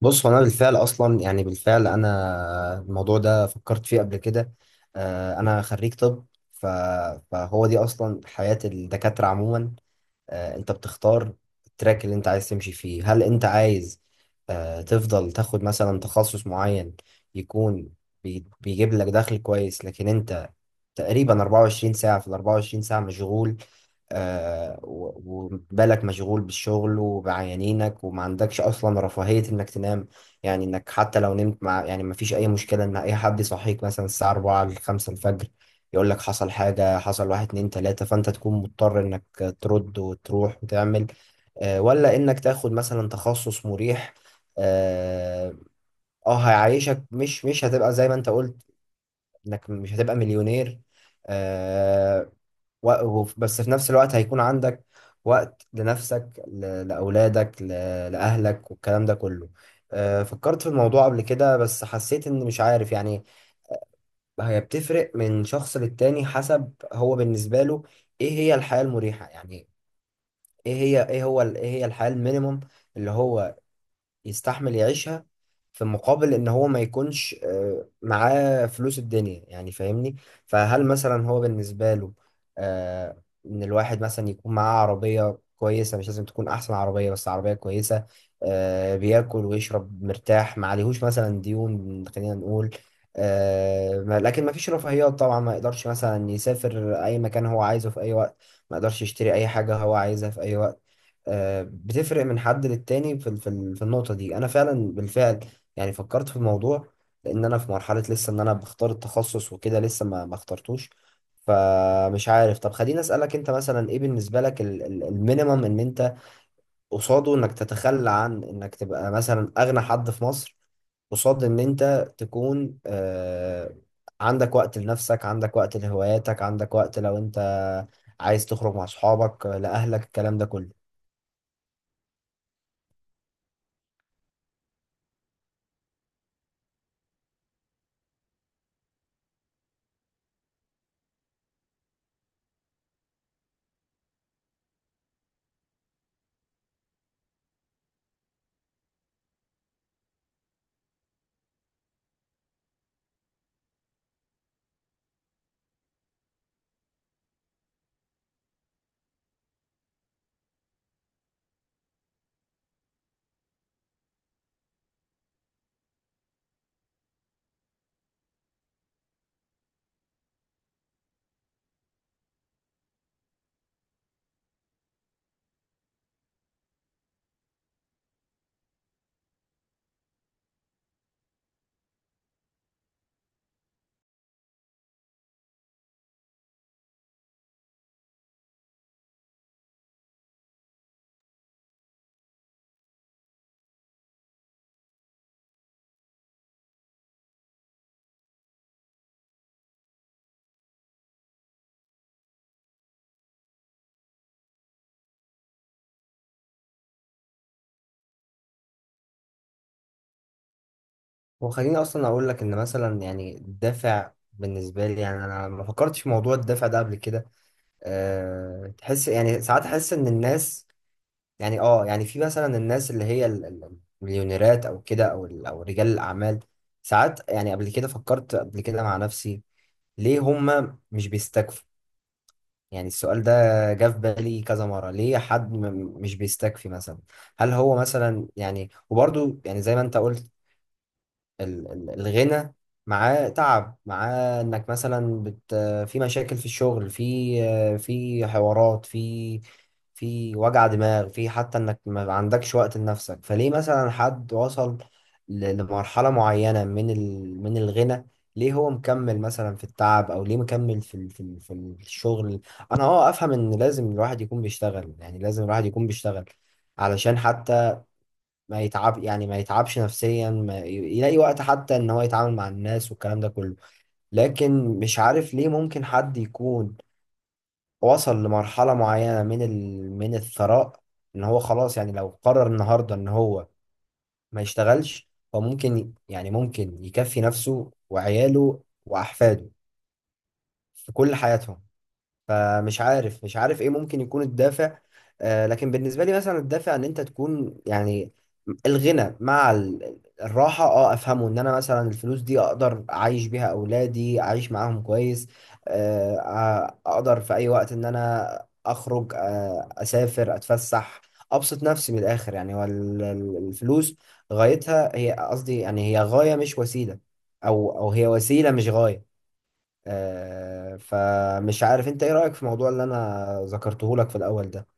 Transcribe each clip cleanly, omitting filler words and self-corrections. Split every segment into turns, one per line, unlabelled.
بص هو انا بالفعل اصلا يعني بالفعل انا الموضوع ده فكرت فيه قبل كده. انا خريج طب. ف- فهو دي اصلا حياة الدكاترة عموما. انت بتختار التراك اللي انت عايز تمشي فيه. هل انت عايز تفضل تاخد مثلا تخصص معين يكون بيجيب لك دخل كويس، لكن انت تقريبا 24 ساعة في ال 24 ساعة مشغول. وبالك مشغول بالشغل وبعيانينك، وما عندكش اصلا رفاهية انك تنام، يعني انك حتى لو نمت مع يعني ما فيش اي مشكلة ان اي حد يصحيك مثلا الساعة 4 ل 5 الفجر، يقول لك حصل حاجة، حصل واحد اتنين تلاتة، فانت تكون مضطر ترد وتروح وتعمل. ولا انك تاخد مثلا تخصص مريح، اه، هيعيشك. مش هتبقى زي ما انت قلت، انك مش هتبقى مليونير، آه، بس في نفس الوقت هيكون عندك وقت لنفسك، لأولادك، لأهلك والكلام ده كله. آه، فكرت في الموضوع قبل كده بس حسيت ان مش عارف، يعني هي بتفرق من شخص للتاني حسب هو بالنسبة له ايه هي الحياة المريحة، يعني ايه هي، ايه هو ال-، ايه هي الحياة المينيموم اللي هو يستحمل يعيشها في مقابل ان هو ما يكونش معاه فلوس الدنيا، يعني فاهمني؟ فهل مثلا هو بالنسبة له ان الواحد مثلا يكون معاه عربية كويسة، مش لازم تكون احسن عربية بس عربية كويسة، بياكل ويشرب مرتاح، ما عليهوش مثلا ديون، خلينا نقول، لكن ما فيش رفاهيات طبعا، ما يقدرش مثلا يسافر اي مكان هو عايزه في اي وقت، ما يقدرش يشتري اي حاجة هو عايزها في اي وقت. آه، بتفرق من حد للتاني. في ال-، في ال-، في النقطة دي أنا فعلا بالفعل يعني فكرت في الموضوع، لأن أنا في مرحلة لسه إن أنا بختار التخصص وكده، لسه ما اخترتوش. فمش عارف، طب خليني أسألك أنت مثلا إيه بالنسبة لك ال-، ال- المينيمم إن أنت قصاده إنك تتخلى عن إنك تبقى مثلا أغنى حد في مصر، قصاد إن أنت تكون عندك وقت لنفسك، عندك وقت لهواياتك، عندك وقت لو أنت عايز تخرج مع أصحابك، لأهلك، الكلام ده كله. وخليني اصلا اقول لك ان مثلا يعني الدافع بالنسبه لي، يعني انا ما فكرتش في موضوع الدافع ده قبل كده. أه، تحس يعني ساعات، احس ان الناس، يعني اه يعني في مثلا الناس اللي هي ال-، ال- المليونيرات او كده، او ال-، او رجال الاعمال، ساعات يعني قبل كده فكرت قبل كده مع نفسي ليه هما مش بيستكفوا؟ يعني السؤال ده جه في بالي كذا مرة، ليه حد مش بيستكفي مثلا؟ هل هو مثلا يعني، وبرضو يعني زي ما انت قلت، ال-، ال- الغنى معاه تعب، معاه انك مثلا بت، في مشاكل في الشغل، في حوارات، في في وجع دماغ، في حتى انك ما عندكش وقت لنفسك. فليه مثلا حد وصل لمرحلة معينة من ال من الغنى، ليه هو مكمل مثلا في التعب، او ليه مكمل في ال، في ال، في الشغل؟ انا اه افهم ان لازم الواحد يكون بيشتغل، يعني لازم الواحد يكون بيشتغل علشان حتى ما يتعب، يعني ما يتعبش نفسيا، ما ي- يلاقي وقت حتى ان هو يتعامل مع الناس والكلام ده كله. لكن مش عارف ليه ممكن حد يكون وصل لمرحلة معينة من ال، من الثراء، ان هو خلاص، يعني لو قرر النهاردة ان هو ما يشتغلش، هو ممكن يعني ممكن يكفي نفسه وعياله واحفاده في كل حياتهم. فمش عارف، مش عارف ايه ممكن يكون الدافع. آه، لكن بالنسبة لي مثلا الدافع ان انت تكون، يعني الغنى مع ال- الراحة، اه افهمه، ان انا مثلا الفلوس دي اقدر اعيش بيها اولادي، اعيش معاهم كويس، اقدر في اي وقت ان انا اخرج، آه اسافر، اتفسح، ابسط نفسي. من الاخر يعني، هو ال-، ال- الفلوس غايتها هي، قصدي يعني هي غاية مش وسيلة، او او هي وسيلة مش غاية. آه، فمش عارف انت ايه رأيك في الموضوع اللي انا ذكرته لك في الاول ده؟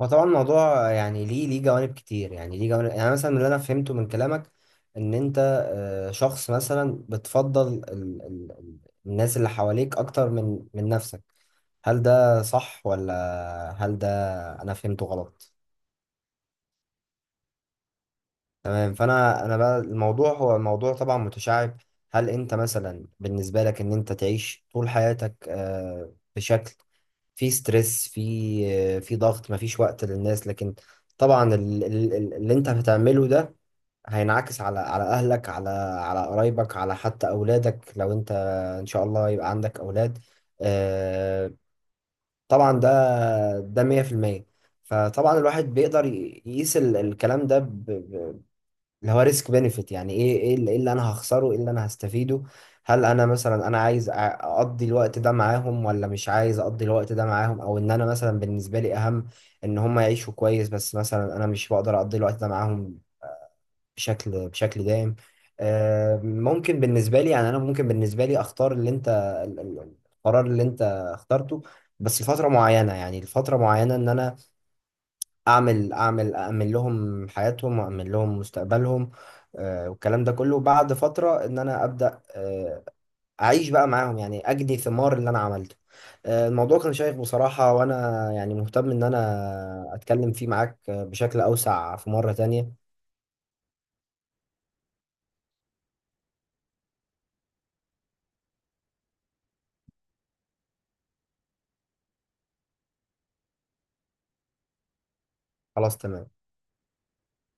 هو طبعا الموضوع يعني ليه، ليه جوانب كتير، يعني ليه جوانب. يعني مثلا اللي انا فهمته من كلامك ان انت شخص مثلا بتفضل ال-، ال-، ال- الناس اللي حواليك اكتر من من نفسك. هل ده صح، ولا هل ده انا فهمته غلط؟ تمام. فانا بقى، الموضوع هو الموضوع طبعا متشعب. هل انت مثلا بالنسبة لك ان انت تعيش طول حياتك بشكل في ستريس، في ضغط، مفيش وقت للناس، لكن طبعا ال-، ال-، ال- اللي انت هتعمله ده هينعكس على، على اهلك، على، على قرايبك، على حتى اولادك، لو انت ان شاء الله يبقى عندك اولاد. آه، طبعا ده، ده 100%. فطبعا الواحد بيقدر يقيس ال- الكلام ده، اللي هو ريسك بينفيت، يعني ايه، إيه اللي انا هخسره، ايه اللي انا هستفيده؟ هل انا مثلا، انا عايز اقضي الوقت ده معاهم، ولا مش عايز اقضي الوقت ده معاهم؟ او ان انا مثلا بالنسبه لي اهم ان هم يعيشوا كويس، بس مثلا انا مش بقدر اقضي الوقت ده معاهم بشكل دائم. آه، ممكن بالنسبه لي، يعني انا ممكن بالنسبه لي اختار اللي انت ال-، ال- القرار اللي انت اخترته، بس لفتره معينه، يعني لفتره معينه ان انا اعمل لهم حياتهم، واعمل لهم مستقبلهم. آه، والكلام ده كله، بعد فترة ان انا ابدا اعيش بقى معاهم، يعني اجني ثمار اللي انا عملته. آه، الموضوع كان شيق بصراحة، وانا يعني مهتم ان انا اتكلم فيه معاك بشكل اوسع في مرة تانية. خلاص تمام.